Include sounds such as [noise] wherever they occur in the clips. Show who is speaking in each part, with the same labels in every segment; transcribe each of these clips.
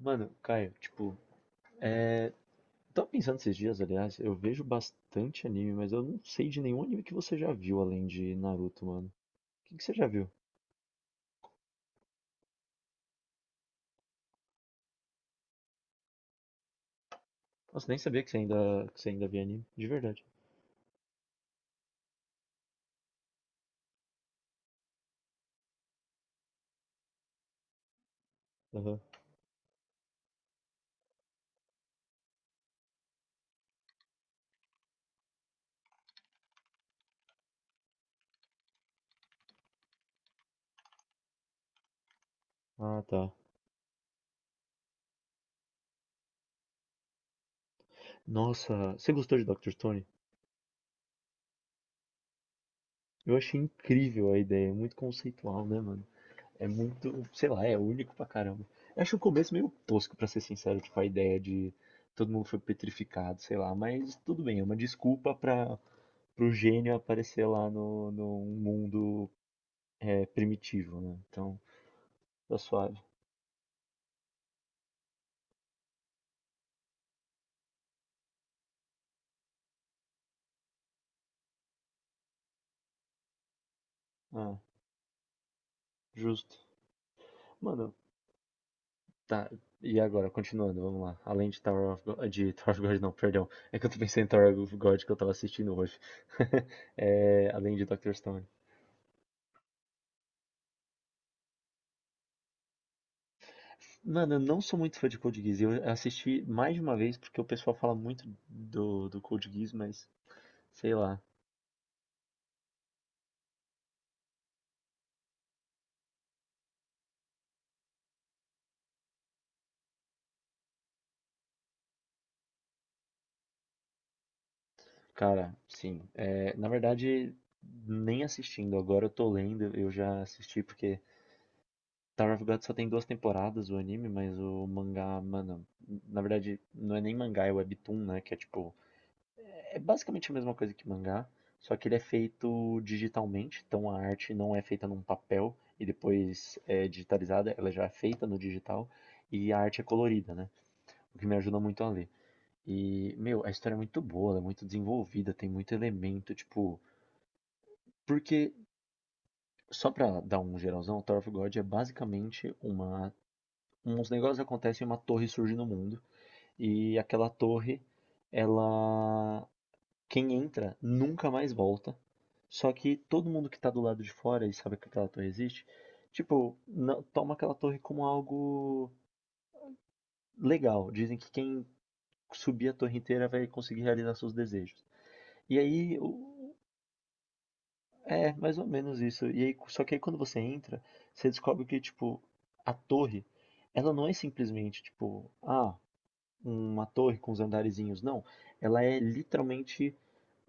Speaker 1: Mano, Caio, tipo, é... tava pensando esses dias. Aliás, eu vejo bastante anime, mas eu não sei de nenhum anime que você já viu além de Naruto, mano. O que que você já viu? Nossa, nem sabia que você ainda via anime, de verdade. Aham. Ah, tá. Nossa, você gostou de Dr. Stone? Eu achei incrível a ideia, é muito conceitual, né, mano? É muito, sei lá, é único pra caramba. Eu acho o começo meio tosco, pra ser sincero. Tipo, a ideia de todo mundo foi petrificado, sei lá, mas tudo bem, é uma desculpa pra pro gênio aparecer lá no um mundo primitivo, né? Então, tá suave. Ah, justo. Mano, tá. E agora, continuando, vamos lá. Além de Tower of God, de Tower of God, não, perdão. É que eu tô pensando em Tower of God, que eu tava assistindo hoje. [laughs] É, além de Doctor Stone. Mano, eu não sou muito fã de Code Geass. Eu assisti mais de uma vez porque o pessoal fala muito do Code Geass, mas sei lá. Cara, sim. É, na verdade, nem assistindo. Agora eu tô lendo. Eu já assisti porque Tower of God só tem duas temporadas o anime, mas o mangá, mano, na verdade não é nem mangá, é webtoon, né? Que é tipo, é basicamente a mesma coisa que mangá, só que ele é feito digitalmente, então a arte não é feita num papel e depois é digitalizada, ela já é feita no digital, e a arte é colorida, né? O que me ajuda muito a ler. E, meu, a história é muito boa, ela é muito desenvolvida, tem muito elemento, tipo, Porque, só pra dar um geralzão, Tower of God é basicamente uma. Uns negócios acontecem, uma torre surge no mundo. E aquela torre, ela. Quem entra nunca mais volta. Só que todo mundo que tá do lado de fora e sabe que aquela torre existe, tipo, toma aquela torre como algo legal. Dizem que quem subir a torre inteira vai conseguir realizar seus desejos. E aí, é, mais ou menos isso. E aí, só que aí quando você entra, você descobre que, tipo, a torre, ela não é simplesmente, tipo, ah, uma torre com os andarezinhos, não. Ela é literalmente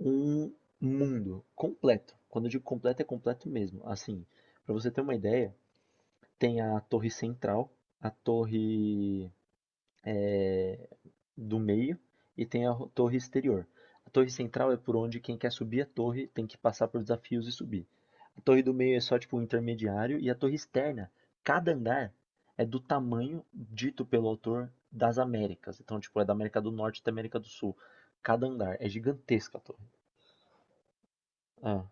Speaker 1: um mundo completo. Quando eu digo completo, é completo mesmo. Assim, pra você ter uma ideia, tem a torre central, a torre é, do meio, e tem a torre exterior. A torre central é por onde quem quer subir a torre tem que passar por desafios e subir. A torre do meio é só tipo um intermediário, e a torre externa, cada andar é do tamanho dito pelo autor das Américas. Então, tipo, é da América do Norte até América do Sul. Cada andar é gigantesca a torre. Ah.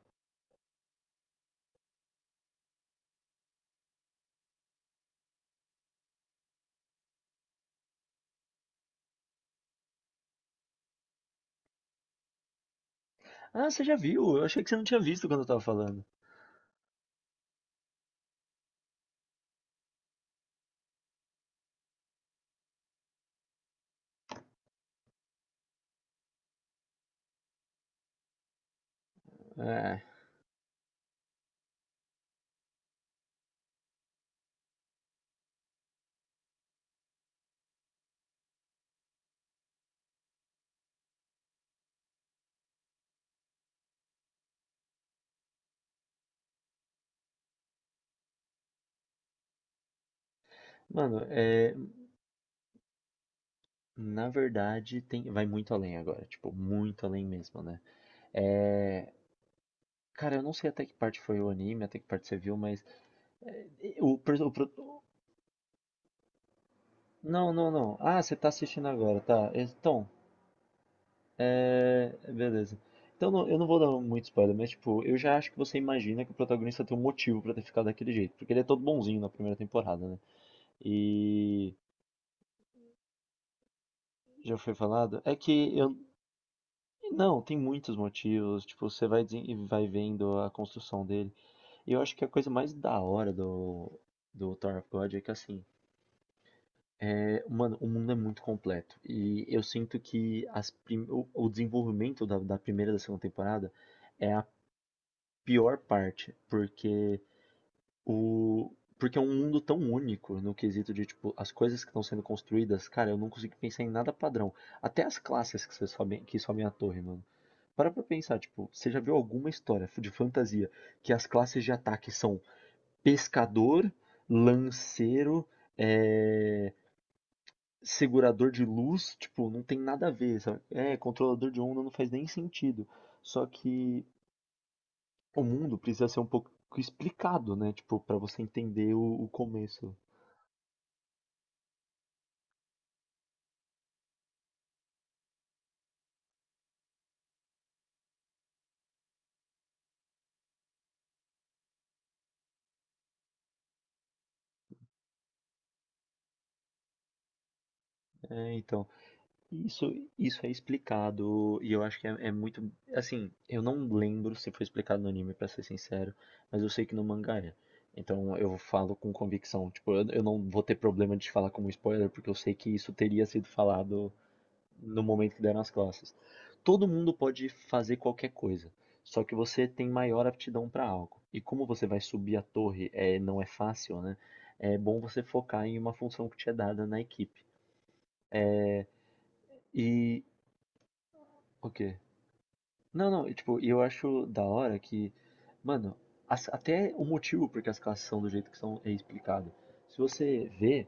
Speaker 1: Ah, você já viu? Eu achei que você não tinha visto quando eu tava falando. É. Mano, é, na verdade tem, vai muito além agora, tipo, muito além mesmo, né? É, cara, eu não sei até que parte foi o anime, até que parte você viu, mas. é, O, per- o pro- não, não, não. Ah, você tá assistindo agora, tá. Então, é, beleza. Eu não vou dar muito spoiler, mas tipo, eu já acho que você imagina que o protagonista tem um motivo pra ter ficado daquele jeito, porque ele é todo bonzinho na primeira temporada, né? E já foi falado. É que eu não, tem muitos motivos. Tipo, você vai e vai vendo a construção dele. E eu acho que a coisa mais da hora do Tower of God é que assim, é, mano, o mundo é muito completo. E eu sinto que as o desenvolvimento da primeira e da segunda temporada é a pior parte, porque o. Porque é um mundo tão único no quesito de, tipo, as coisas que estão sendo construídas, cara, eu não consigo pensar em nada padrão. Até as classes que, você sobem, que sobem a torre, mano. Para pra pensar, tipo, você já viu alguma história de fantasia que as classes de ataque são pescador, lanceiro, é, segurador de luz? Tipo, não tem nada a ver, sabe? É, controlador de onda não faz nem sentido. Só que o mundo precisa ser um pouco explicado, né? Tipo, para você entender o começo. É, então, isso, isso é explicado, e eu acho que é, é muito, assim, eu não lembro se foi explicado no anime, pra ser sincero, mas eu sei que no mangá é. Então eu falo com convicção. Tipo, eu não vou ter problema de falar como spoiler, porque eu sei que isso teria sido falado no momento que deram nas classes. Todo mundo pode fazer qualquer coisa, só que você tem maior aptidão para algo. E como você vai subir a torre, é, não é fácil, né? É bom você focar em uma função que te é dada na equipe. E o quê? Não, não, e, tipo, eu acho da hora que, mano, até o motivo porque as classes são do jeito que são é explicado. Se você vê,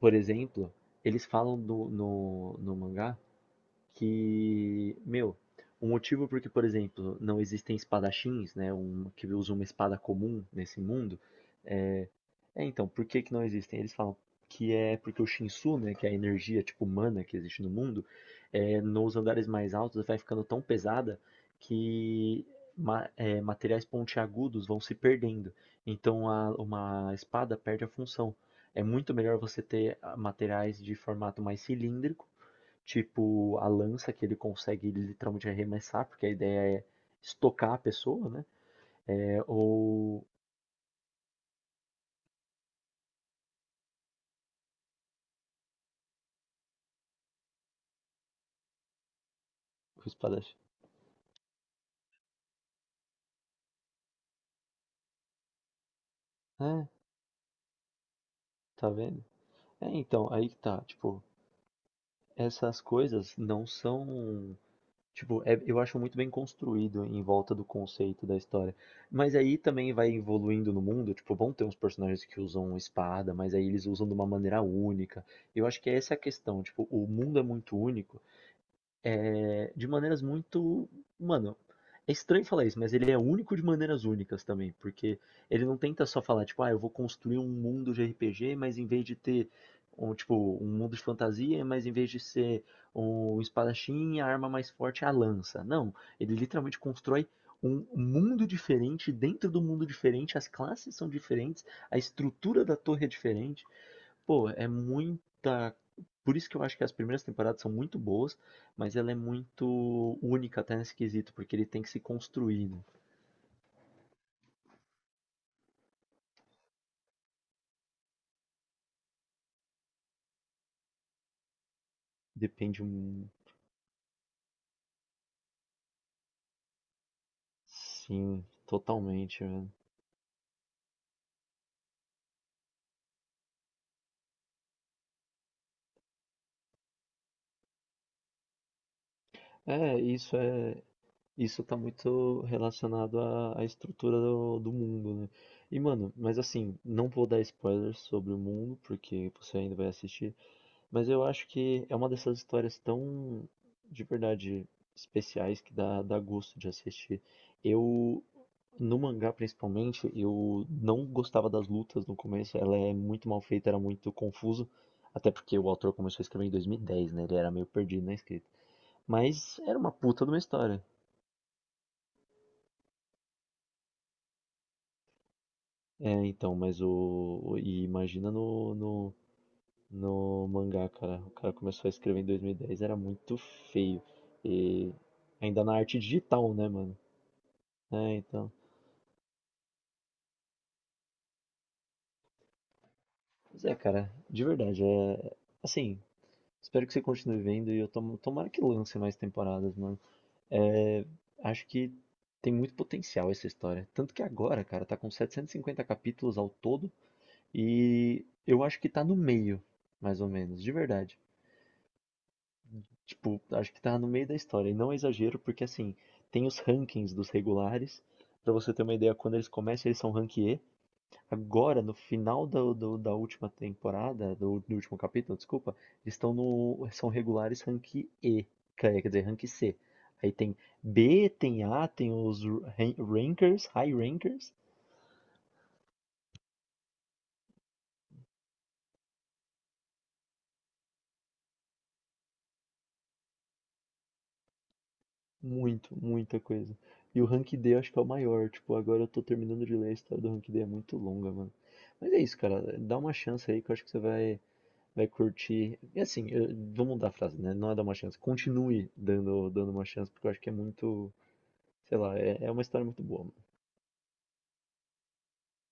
Speaker 1: por exemplo, eles falam no, no mangá que, meu, o motivo porque, por exemplo, não existem espadachins, né, um, que usa uma espada comum nesse mundo, é, é, então, por que que não existem? Eles falam que é porque o Shinsu, né, que é a energia, tipo, humana que existe no mundo, é, nos andares mais altos vai ficando tão pesada que ma é, materiais pontiagudos vão se perdendo. Então, a, uma espada perde a função. É muito melhor você ter materiais de formato mais cilíndrico, tipo a lança, que ele consegue literalmente arremessar, porque a ideia é estocar a pessoa, né? É, ou o Splash. É, tá vendo? É, então, aí que tá, tipo, essas coisas não são. Tipo, eu acho muito bem construído em volta do conceito da história. Mas aí também vai evoluindo no mundo, tipo, vão ter uns personagens que usam espada, mas aí eles usam de uma maneira única. Eu acho que essa é a questão, tipo, o mundo é muito único é, de maneiras muito. Mano, é estranho falar isso, mas ele é único de maneiras únicas também, porque ele não tenta só falar, tipo, ah, eu vou construir um mundo de RPG, mas em vez de ter um, tipo, um mundo de fantasia, mas em vez de ser um espadachim, a arma mais forte é a lança. Não, ele literalmente constrói um mundo diferente, dentro do mundo diferente, as classes são diferentes, a estrutura da torre é diferente. Pô, é muita. Por isso que eu acho que as primeiras temporadas são muito boas, mas ela é muito única até nesse quesito, porque ele tem que se construir, né? Depende um. Sim, totalmente, velho. É. Isso tá muito relacionado à, à estrutura do mundo, né? E, mano, mas assim, não vou dar spoilers sobre o mundo, porque você ainda vai assistir. Mas eu acho que é uma dessas histórias tão, de verdade, especiais, que dá, dá gosto de assistir. Eu, no mangá principalmente, eu não gostava das lutas no começo, ela é muito mal feita, era muito confuso, até porque o autor começou a escrever em 2010, né? Ele era meio perdido na escrita. Mas era uma puta de uma história. É, então, mas o. E imagina no mangá, cara. O cara começou a escrever em 2010, era muito feio. E ainda na arte digital, né, mano? É, então. Mas é, cara, de verdade, é. Assim, espero que você continue vendo, e eu tomara que lance mais temporadas, mano. É, acho que tem muito potencial essa história. Tanto que agora, cara, tá com 750 capítulos ao todo, e eu acho que tá no meio, mais ou menos, de verdade. Tipo, acho que tá no meio da história. E não é exagero, porque assim, tem os rankings dos regulares. Pra você ter uma ideia, quando eles começam, eles são rank E. Agora, no final do, da última temporada, do, do último capítulo, desculpa, eles estão no. São regulares rank E. Quer quer dizer, rank C. Aí tem B, tem A, tem os rankers, high rankers. Muito, muita coisa. E o Rank D eu acho que é o maior. Tipo, agora eu tô terminando de ler a história do Rank D, é muito longa, mano. Mas é isso, cara, dá uma chance aí, que eu acho que você vai, vai curtir. E assim, eu, vou mudar a frase, né? Não é dar uma chance, continue dando, dando uma chance, porque eu acho que é muito, sei lá, é, é uma história muito boa,